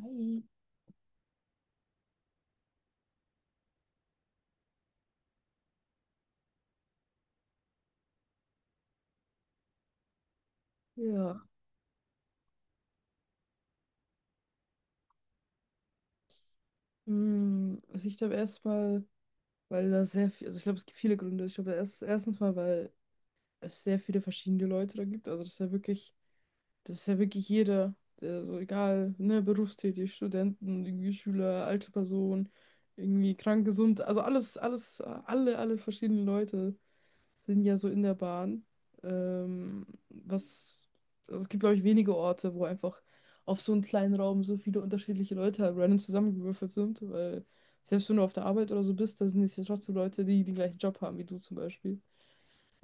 Hi. Ja, also ich glaube erstmal, weil da sehr viel, also ich glaube, es gibt viele Gründe. Ich glaube, erstens mal, weil es sehr viele verschiedene Leute da gibt. Also das ist ja wirklich jeder, der so egal, ne, berufstätig, Studenten, irgendwie Schüler, alte Person, irgendwie krank, gesund, also alle verschiedenen Leute sind ja so in der Bahn. Ähm, was, also es gibt, glaube ich, wenige Orte, wo einfach auf so einem kleinen Raum so viele unterschiedliche Leute halt random zusammengewürfelt sind, weil selbst wenn du auf der Arbeit oder so bist, da sind es ja trotzdem Leute, die den gleichen Job haben wie du zum Beispiel.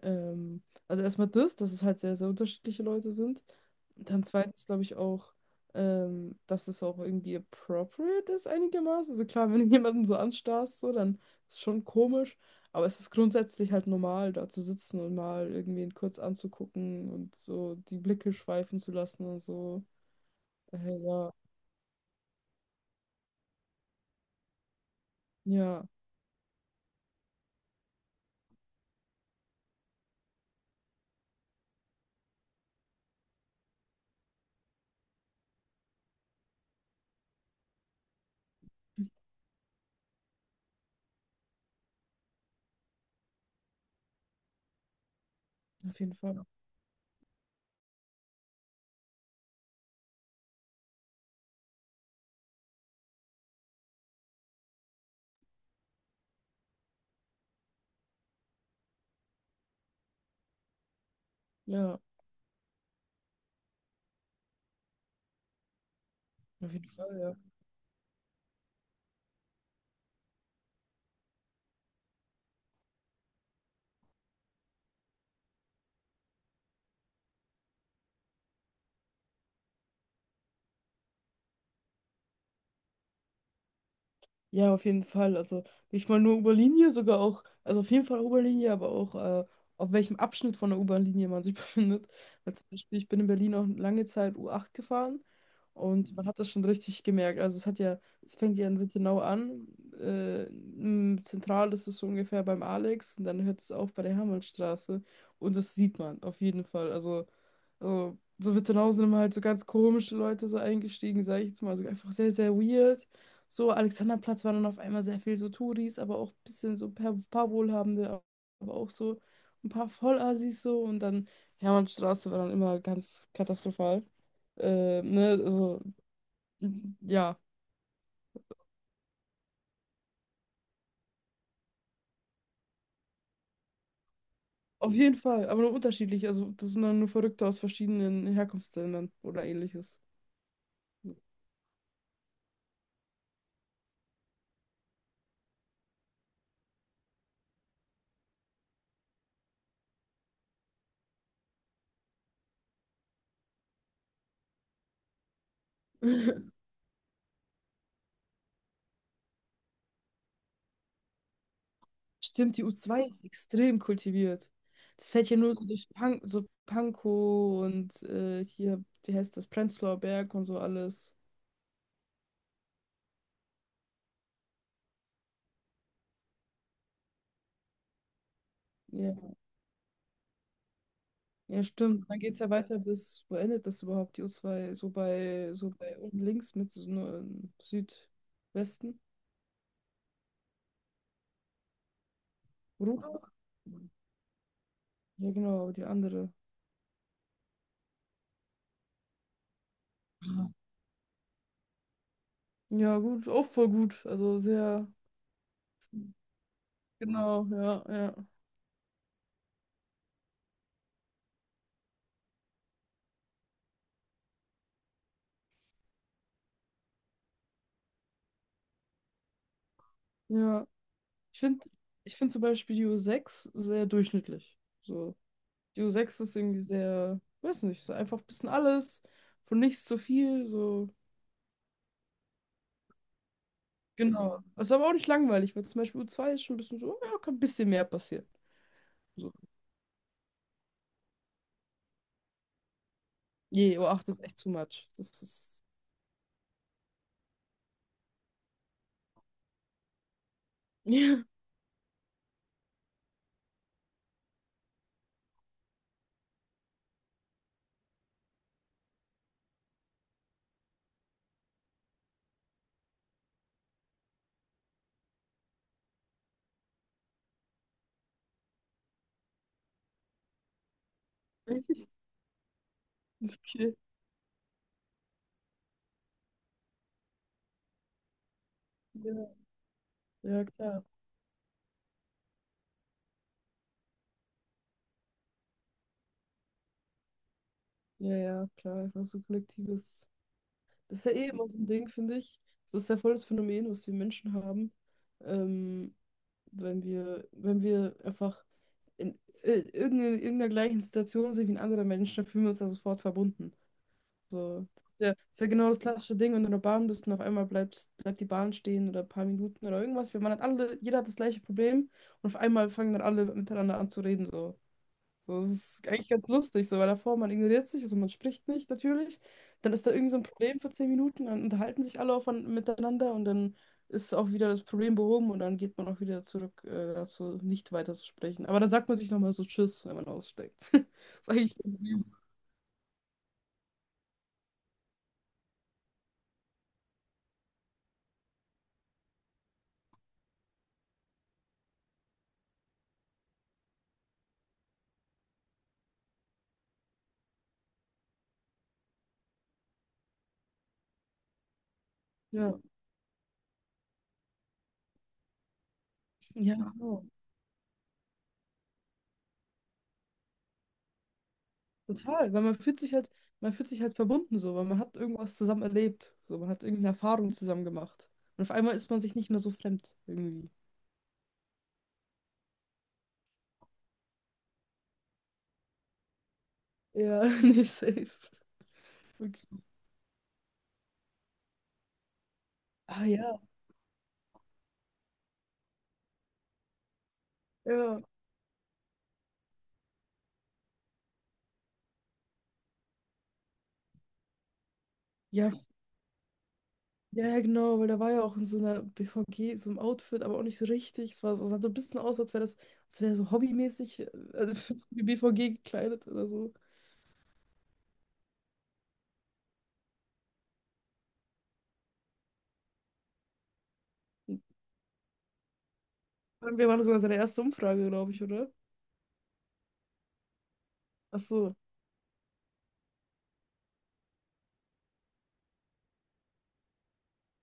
Ähm, also erstmal das, dass es halt sehr, sehr unterschiedliche Leute sind. Und dann zweitens glaube ich auch, dass es auch irgendwie appropriate ist einigermaßen. Also klar, wenn du jemanden so anstarrst, so, dann ist es schon komisch. Aber es ist grundsätzlich halt normal, da zu sitzen und mal irgendwen kurz anzugucken und so die Blicke schweifen zu lassen und so. Ja, ja, auf jeden Fall. Ja, auf jeden Fall, ja. Ja, auf jeden Fall. Also nicht mal nur U-Bahn-Linie, sogar auch, also auf jeden Fall U-Bahn-Linie, aber auch auf welchem Abschnitt von der U-Bahn-Linie man sich befindet. Weil zum Beispiel, ich bin in Berlin auch lange Zeit U8 gefahren und man hat das schon richtig gemerkt. Also es fängt ja in Wittenau an. Zentral ist es so ungefähr beim Alex und dann hört es auf bei der Hermannstraße. Und das sieht man auf jeden Fall. Also, so Wittenhausen haben halt so ganz komische Leute so eingestiegen, sage ich jetzt mal. Also einfach sehr, sehr weird. So, Alexanderplatz war dann auf einmal sehr viel so Touris, aber auch ein bisschen so paar Wohlhabende, aber auch so ein paar Vollassis so. Und dann Hermannstraße war dann immer ganz katastrophal. Äh, ne, also, mm, ja, auf jeden Fall, aber nur unterschiedlich. Also, das sind dann nur Verrückte aus verschiedenen Herkunftsländern oder ähnliches. Stimmt, die u zwei ist extrem kultiviert. Das fällt ja nur so durch Pankow und hier, wie heißt das, Prenzlauer Berg und so alles. Ja, ja, stimmt. Dann geht es ja weiter bis, wo endet das überhaupt, die u zwei? So bei unten links mit so nur im Südwesten. Ruhr? Ja, genau, die andere. Ja, ja, gut, auch voll gut. Also sehr, genau, ja, ja. Ja, ich finde, Ich finde zum Beispiel die u sechs sehr durchschnittlich. So. Dio 6 ist irgendwie sehr, weiß nicht, so einfach ein bisschen alles, von nichts zu viel, so. Genau. Ist aber auch nicht langweilig, weil zum Beispiel U2 ist schon ein bisschen so, ja, kann ein bisschen mehr passieren. So. Je, U8 ist echt too much. Das ist. Ja, echt? Okay. Ja, ja, klar. Ja, ja, klar. Einfach so kollektives. Das ist ja eh immer so ein Ding, finde ich. Das ist ja voll das Phänomen, was wir Menschen haben. Ähm, wenn wenn wir einfach in irgendeiner gleichen Situation sind wie ein anderer Mensch, dann fühlen wir uns da sofort verbunden. So, das ist ja genau das klassische Ding, wenn du in der Bahn bist und auf einmal bleibt die Bahn stehen oder ein paar Minuten oder irgendwas, weil man hat alle, jeder hat das gleiche Problem und auf einmal fangen dann alle miteinander an zu reden. So. So, das ist eigentlich ganz lustig, so, weil davor man ignoriert sich, also man spricht nicht natürlich. Dann ist da irgend so ein Problem für zehn Minuten, dann unterhalten sich alle miteinander und dann ist auch wieder das Problem behoben und dann geht man auch wieder zurück dazu, nicht weiter zu sprechen. Aber dann sagt man sich nochmal so Tschüss, wenn man aussteigt. Ist eigentlich ganz süß. Ja, ja, genau. Total, weil man fühlt sich halt verbunden so, weil man hat irgendwas zusammen erlebt, so, man hat irgendeine Erfahrung zusammen gemacht. Und auf einmal ist man sich nicht mehr so fremd irgendwie. Ja, nicht safe. Okay. Ah ja, ja, ja, ja, genau, weil da war ja auch in so einer BVG, so einem Outfit, aber auch nicht so richtig. Es war so, sah so ein bisschen aus, als wäre das, als wäre so hobbymäßig für die BVG gekleidet oder so. Und wir waren sogar seine erste Umfrage, glaube ich, oder? Ach so,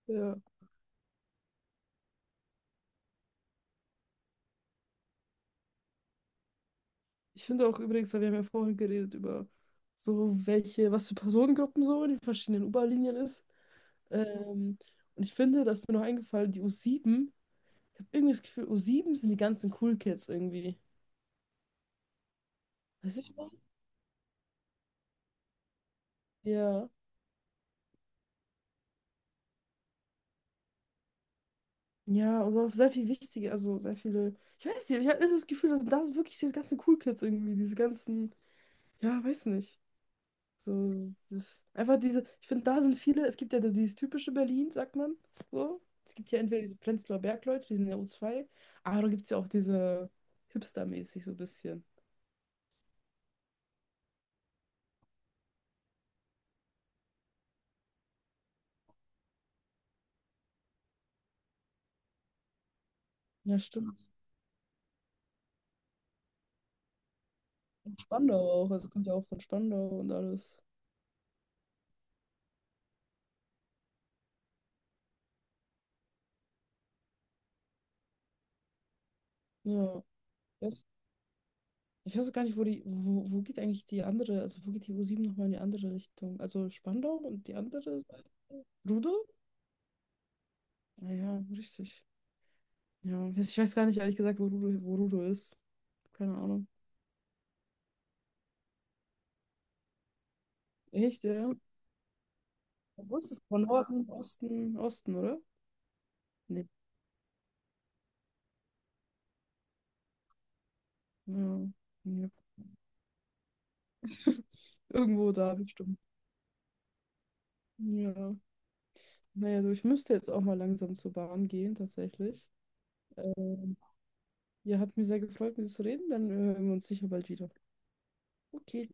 ja. Ich finde auch übrigens, weil wir haben ja vorhin geredet über so welche, was für Personengruppen so in den verschiedenen U-Bahn-Linien ist. Ähm, und ich finde, da ist mir noch eingefallen, die u sieben. Ich habe irgendwie das Gefühl, u sieben sind die ganzen Cool Kids irgendwie. Weiß ich noch? Ja. Ja, also sehr viel wichtige, also sehr viele. Ich weiß nicht, ich habe das Gefühl, dass das wirklich diese ganzen Cool Kids irgendwie, diese ganzen, ja, weiß nicht. So, das einfach diese, ich finde, da sind viele, es gibt ja so dieses typische Berlin, sagt man. So. Es gibt ja entweder diese Prenzlauer Bergleute, die sind in der u zwei, aber da gibt es ja auch diese Hipster-mäßig so ein bisschen. Ja, stimmt. Und Spandau auch, also kommt ja auch von Spandau und alles. Ja. Ich weiß auch gar nicht, wo geht eigentlich die andere, also wo geht die U7 nochmal in die andere Richtung? Also Spandau und die andere? Rudo? Ah, ja, richtig. Ja, ich weiß gar nicht, ehrlich gesagt, wo Rudo ist. Keine Ahnung. Echt, ja? Wo ist es? Von Norden, Osten, Osten, oder? Nee. Ja. Ja. Irgendwo da, bestimmt. Ja. Naja, du, ich müsste jetzt auch mal langsam zur Bahn gehen, tatsächlich. Ähm, ja, hat mir sehr gefreut, mit dir zu reden. Dann hören wir uns sicher bald wieder. Okay.